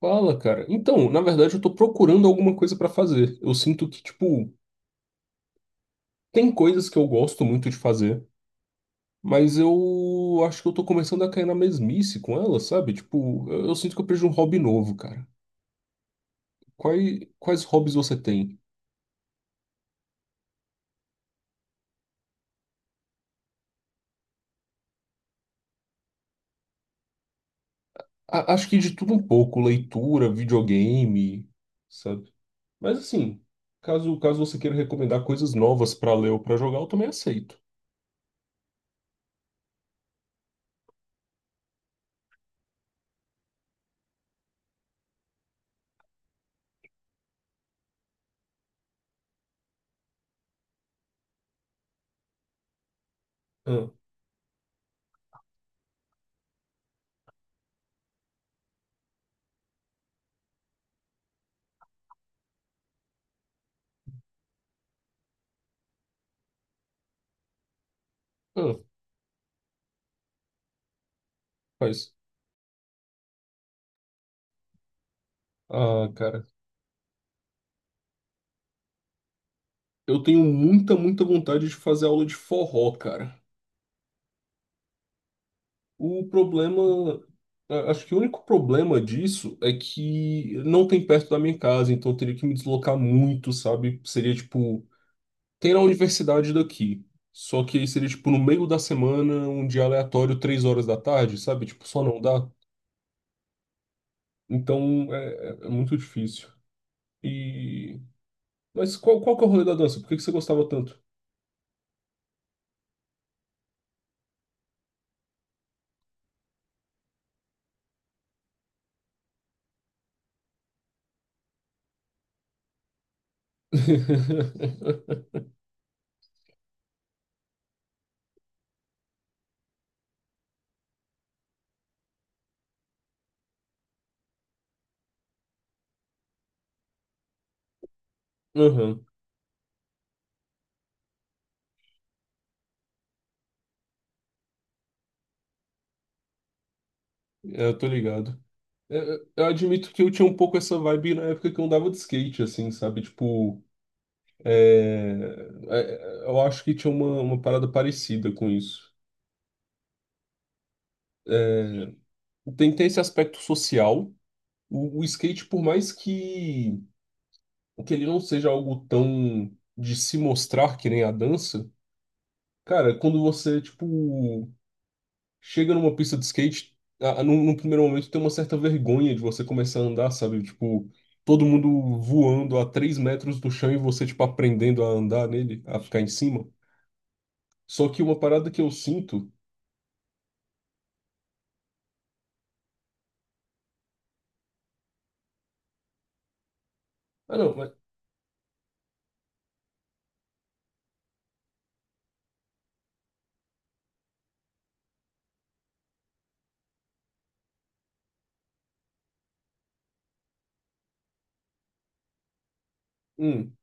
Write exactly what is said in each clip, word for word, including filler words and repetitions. Fala, cara. Então, na verdade, eu tô procurando alguma coisa pra fazer. Eu sinto que, tipo, tem coisas que eu gosto muito de fazer, mas eu acho que eu tô começando a cair na mesmice com ela, sabe? Tipo, eu, eu sinto que eu perdi um hobby novo, cara. Quais, quais hobbies você tem? A- acho que de tudo um pouco, leitura, videogame, sabe? Mas assim, caso, caso você queira recomendar coisas novas pra ler ou pra jogar, eu também aceito. Ah, ah, faz. Ah, cara. Eu tenho muita, muita vontade de fazer aula de forró, cara. O problema, a- acho que o único problema disso é que não tem perto da minha casa, então eu teria que me deslocar muito, sabe? Seria tipo, tem na universidade daqui. Só que aí seria tipo no meio da semana, um dia aleatório, três horas da tarde, sabe? Tipo, só não dá. Então é, é- é muito difícil. E mas qual, qual que é o rolê da dança? Por que que você gostava tanto? Aham, é, eu tô ligado. Eu, eu admito que eu tinha um pouco essa vibe na época que eu andava de skate, assim, sabe? Tipo, é, é, é, eu acho que tinha uma, uma parada parecida com isso. Tem, tem esse aspecto social. O, o skate, por mais que, que ele não seja algo tão de se mostrar que nem a dança, cara, quando você, tipo, chega numa pista de skate, a, a- num, num primeiro momento tem uma certa vergonha de você começar a andar, sabe? Tipo, todo mundo voando a três metros do chão e você, tipo, aprendendo a andar nele, a ficar em cima. Só que uma parada que eu sinto. Ah, não, mas. Hum,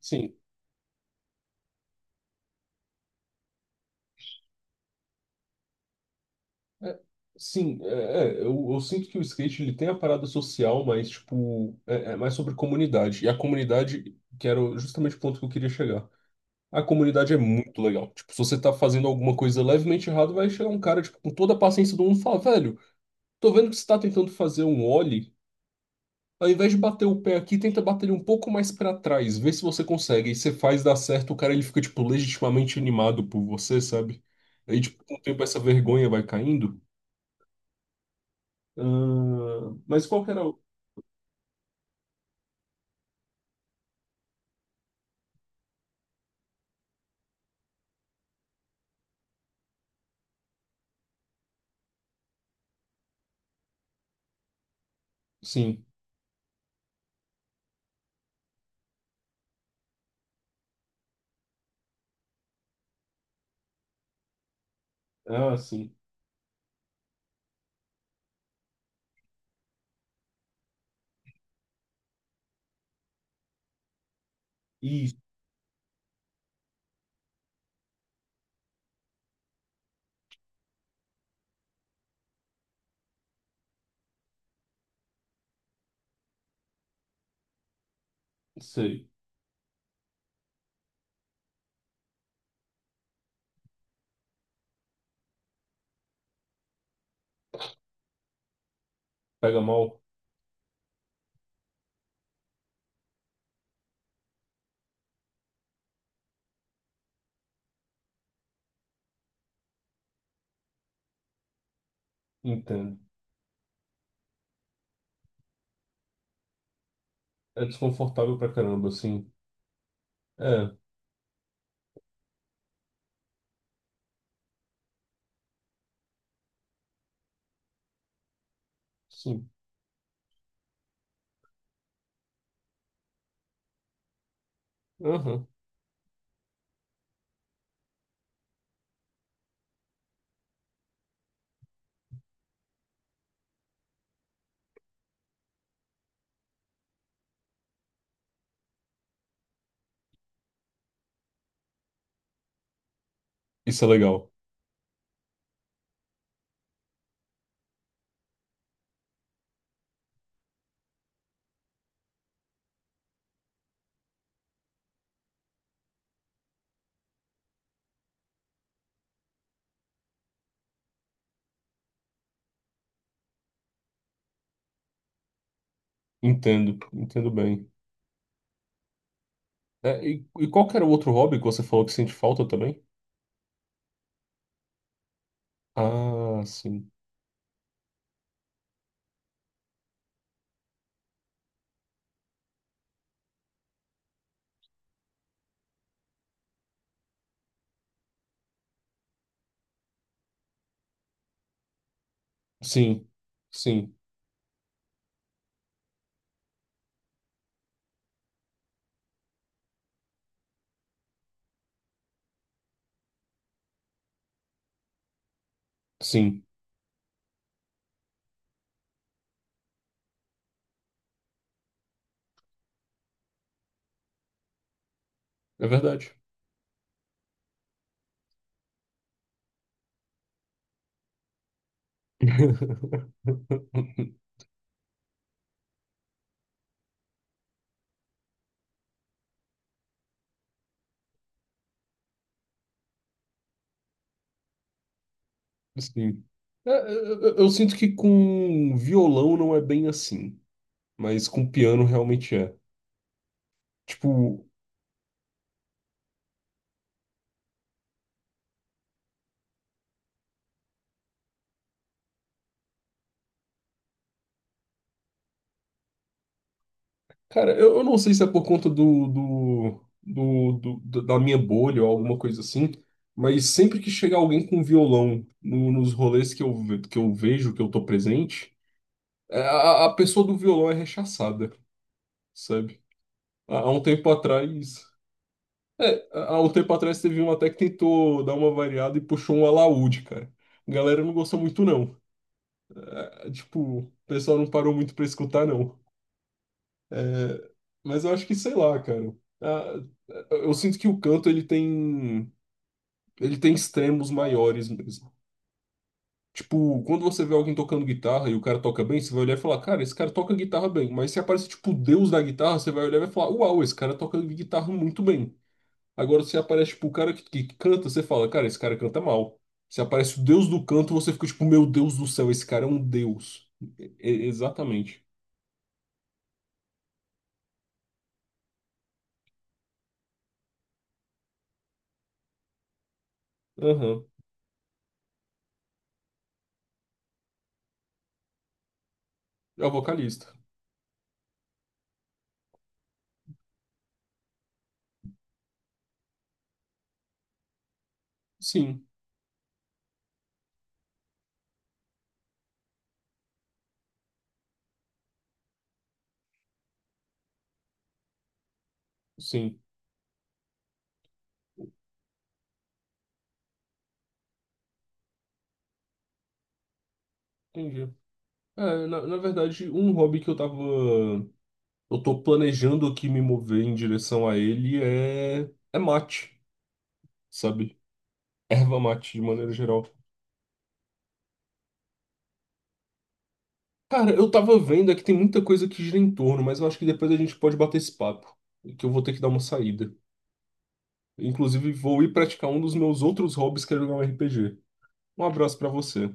sim. É, sim, é, é, eu, eu sinto que o skate ele tem a parada social, mas, tipo, é, é mais sobre comunidade. E a comunidade, que era o- justamente o ponto que eu queria chegar. A comunidade é muito legal. Tipo, se você tá fazendo alguma coisa levemente errado, vai chegar um cara, tipo, com toda a paciência do mundo e falar, velho, tô vendo que você tá tentando fazer um ollie. Ao invés de bater o pé aqui, tenta bater ele um pouco mais pra trás, vê se você consegue. E você faz dar certo, o cara ele fica, tipo, legitimamente animado por você, sabe? Aí, tipo, com o tempo essa vergonha vai caindo. Ah, mas qual que era o. Sim. Ah, sim. Isso, sei. Pega mal? Entendo. É desconfortável pra caramba, assim. É, sim. Aham. Isso é legal. Entendo, entendo bem. É, e, e qual que era o outro hobby que você falou que sente falta também? Ah, sim. Sim, sim, sim. É verdade. Sim. É, eu, eu- eu sinto que com violão não é bem assim, mas com piano realmente é. Tipo, cara, eu, eu não sei se é por conta do, do, do, do- do- da minha bolha ou alguma coisa assim, mas sempre que chega alguém com violão no- nos rolês que eu, ve- que eu vejo, que eu tô presente, é, a, a pessoa do violão é rechaçada, sabe? Há, há um tempo atrás. É, há há um tempo atrás teve um até que tentou dar uma variada e puxou um alaúde, cara. A galera não gostou muito, não. É, tipo, o pessoal não parou muito pra escutar, não. É, mas eu acho que, sei lá, cara. Ah, eu sinto que o canto ele tem, ele tem, extremos maiores mesmo. Tipo, quando você vê alguém tocando guitarra e o cara toca bem, você vai olhar e falar, cara, esse cara toca guitarra bem. Mas se aparece, tipo, o deus da guitarra, você vai olhar e vai falar, uau, esse cara toca guitarra muito bem. Agora, se aparece, tipo, o cara que, que canta, você fala, cara, esse cara canta mal. Se aparece o deus do canto, você fica, tipo, meu Deus do céu, esse cara é um deus. E- e- exatamente. Aham. É o vocalista. Sim, sim. Entendi. É, na, na verdade, um hobby que eu tava. Eu tô planejando aqui me mover em direção a ele é. É mate, sabe? Erva mate, de maneira geral. Cara, eu tava vendo é que tem muita coisa que gira em torno, mas eu acho que depois a gente pode bater esse papo. Que eu vou ter que dar uma saída. Inclusive, vou ir praticar um dos meus outros hobbies, que é jogar um R P G. Um abraço pra você.